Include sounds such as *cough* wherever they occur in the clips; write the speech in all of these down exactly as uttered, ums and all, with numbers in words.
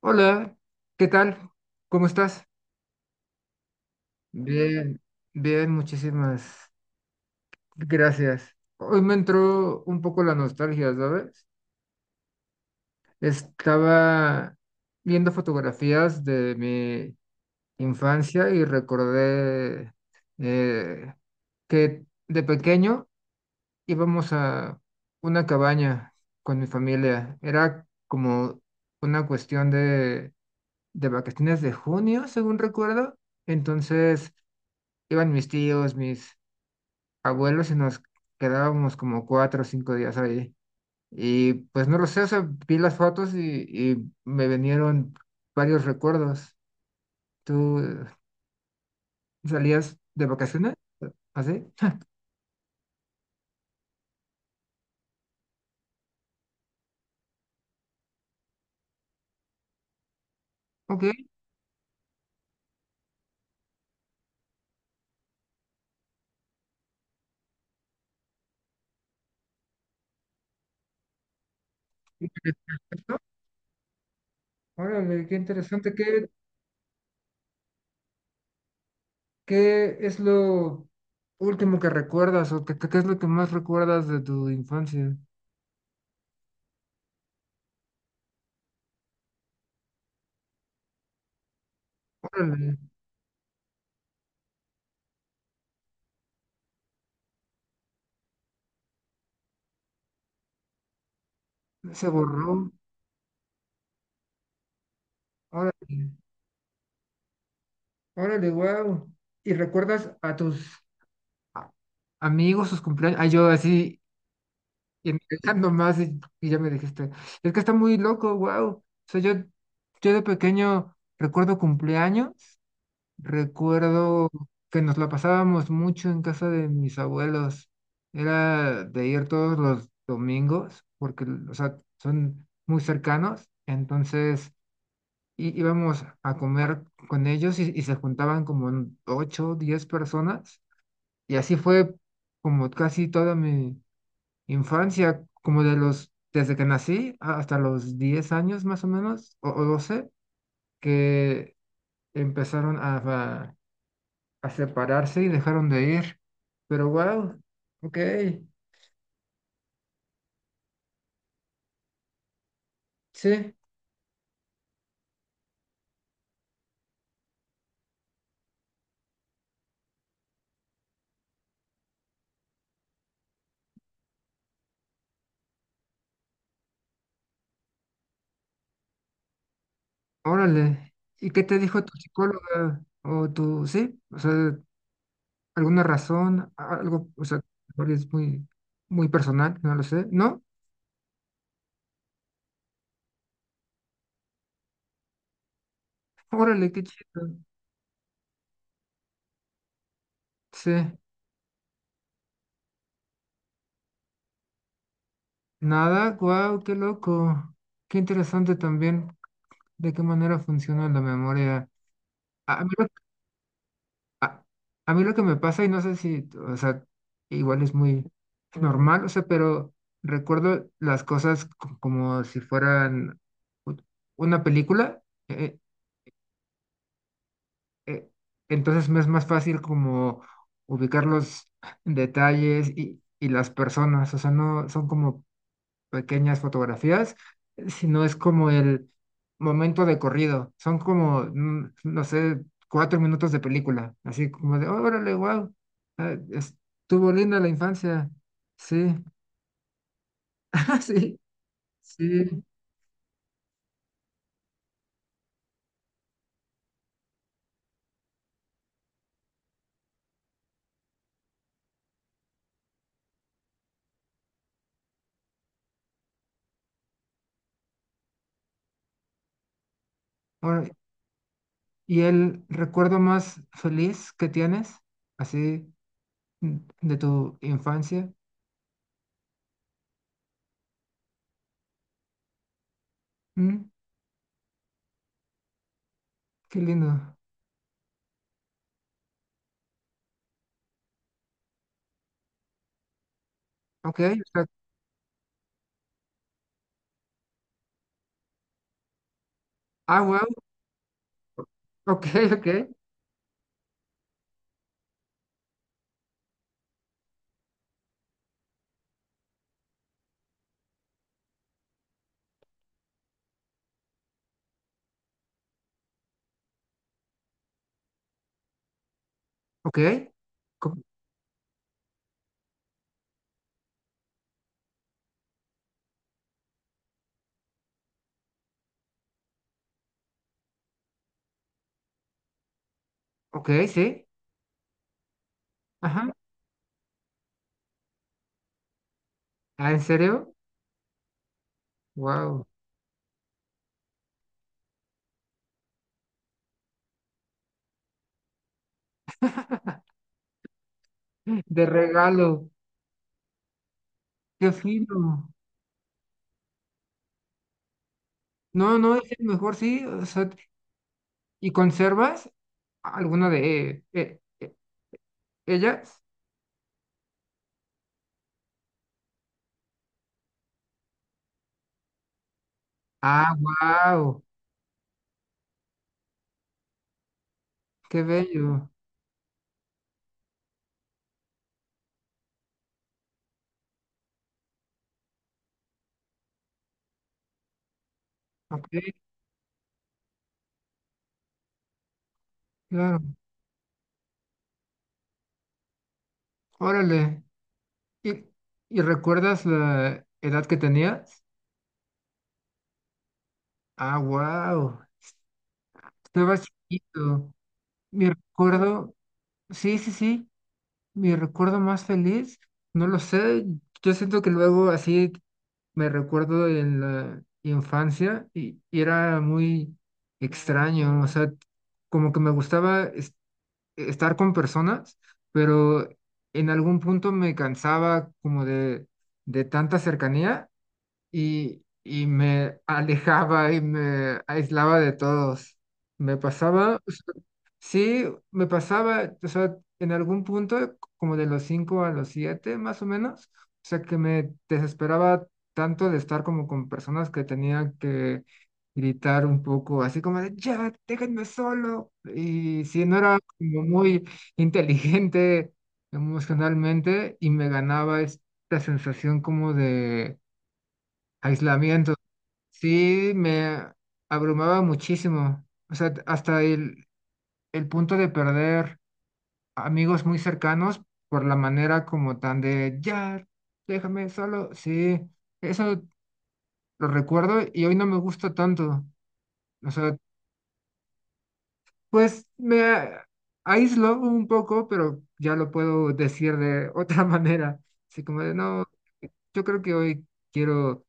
Hola, ¿qué tal? ¿Cómo estás? Bien, bien, muchísimas gracias. Hoy me entró un poco la nostalgia, ¿sabes? Estaba viendo fotografías de mi infancia y recordé eh, que de pequeño íbamos a una cabaña con mi familia. Era como una cuestión de, de vacaciones de junio, según recuerdo. Entonces iban mis tíos, mis abuelos y nos quedábamos como cuatro o cinco días ahí. Y pues no lo sé, o sea, vi las fotos y, y me vinieron varios recuerdos. ¿Tú salías de vacaciones? ¿Así? *laughs* Ok. Perfecto. Órale, qué interesante. ¿Qué, ¿qué es lo último que recuerdas o qué, qué es lo que más recuerdas de tu infancia? Órale, se borró. Órale, órale, wow. ¿Y recuerdas a tus a- amigos, sus cumpleaños? Ay, yo así, intentando más y, y ya me dijiste, es que está muy loco, wow. O sea, yo, yo de pequeño recuerdo cumpleaños, recuerdo que nos la pasábamos mucho en casa de mis abuelos. Era de ir todos los domingos, porque, o sea, son muy cercanos, entonces í- íbamos a comer con ellos y, y se juntaban como en ocho, diez personas y así fue como casi toda mi infancia, como de los, desde que nací a- hasta los diez años más o menos, o, o doce, que empezaron a, a, a separarse y dejaron de ir. Pero wow, ok, sí, órale. ¿Y qué te dijo tu psicóloga? O tu, sí, o sea, alguna razón, A- algo, o sea, es muy, muy personal, no lo sé. No, órale, qué chido. Sí. Nada, guau, qué loco. Qué interesante también de qué manera funciona la memoria. A a mí lo, a, a mí lo que me pasa, y no sé si, o sea, igual es muy normal, o sea, pero recuerdo las cosas co- como si fueran u- una película. eh, eh, entonces me es más fácil como ubicar los detalles y, y las personas, o sea, no son como pequeñas fotografías, sino es como el momento de corrido. Son como, mm, no sé, cuatro minutos de película, así como de, órale, wow, estuvo linda la infancia. Sí, *laughs* sí, sí. Ahora, ¿y el recuerdo más feliz que tienes, así, mm, de tu infancia? Mm, qué lindo. Ok, o sea, ah, wow, ok, ok, ok, co- ok, sí, ajá, ah, ¿en serio? Wow, *laughs* de regalo, qué fino. No, no, es el mejor, sí, o sea, ¿y conservas alguna de eh, eh, ellas? Ah, wow, qué bello. Ok, claro. Órale. ¿Y, ¿y recuerdas la edad que tenías? Ah, wow, estabas chiquito. Mi recuerdo, sí, sí, sí, mi recuerdo más feliz, no lo sé. Yo siento que luego así me recuerdo en la infancia y, y era muy extraño, o sea, como que me gustaba es- estar con personas, pero en algún punto me cansaba como de, de tanta cercanía y, y me alejaba y me aislaba de todos. Me pasaba. Sí, me pasaba, o sea, en algún punto, como de los cinco a los siete, más o menos, o sea, que me desesperaba tanto de estar como con personas que tenía que gritar un poco, así como de, ya, déjenme solo. Y si no, era como muy *laughs* inteligente emocionalmente y me ganaba esta sensación como de aislamiento. Sí, me abrumaba muchísimo, o sea, hasta el el punto de perder amigos muy cercanos por la manera como tan de, ya, déjame solo. Sí, eso lo recuerdo y hoy no me gusta tanto. O sea, pues me a- aíslo un poco, pero ya lo puedo decir de otra *laughs* manera. Así como de, no, yo creo que hoy quiero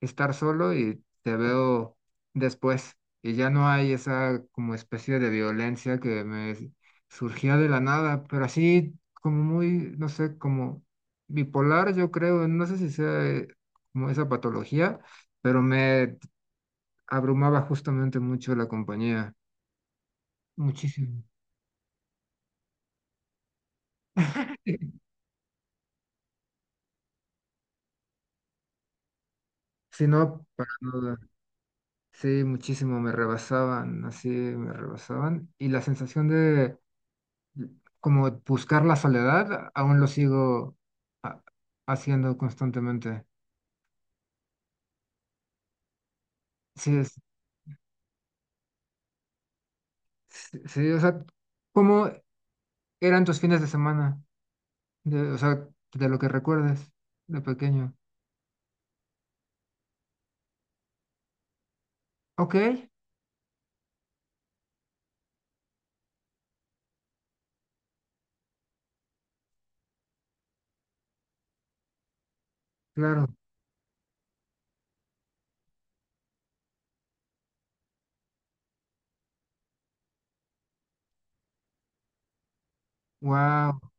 estar solo y te veo después. Y ya no hay esa como especie de violencia que me s- surgía de la nada, pero así como muy, no sé, como bipolar, yo creo, no sé si sea eh, como esa patología, pero me abrumaba justamente mucho la compañía, muchísimo. *laughs* Si no, para nada. Sí, muchísimo, me rebasaban, así me rebasaban. Y la sensación de como buscar la soledad, aún lo sigo ha- haciendo constantemente. Sí, es, sí, sí, o sea, ¿cómo eran tus fines de semana? De, o sea, de lo que recuerdes de pequeño. Ok, claro. Wow.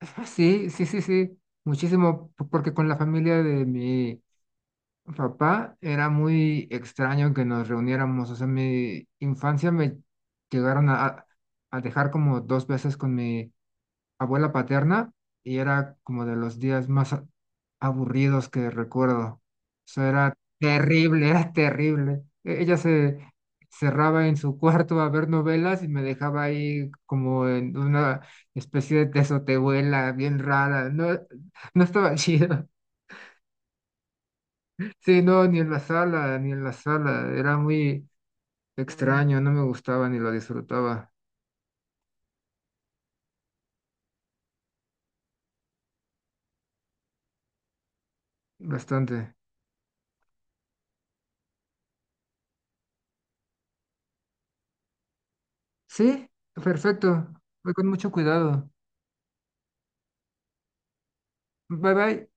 *laughs* Sí, sí, sí, sí. Muchísimo, p- porque con la familia de mi papá era muy extraño que nos reuniéramos. O sea, mi infancia me llegaron a, a dejar como dos veces con mi abuela paterna y era como de los días más a- aburridos que recuerdo. Eso era terrible, *laughs* era terrible. E- Ella se cerraba en su cuarto a ver novelas y me dejaba ahí como en una especie de tesotebuela bien rara. No, no estaba *laughs* chido. Sí, no, ni en la sala, ni en la sala. Era muy extraño, no me gustaba ni lo disfrutaba bastante. Sí, perfecto. Voy con mucho cuidado. Bye bye.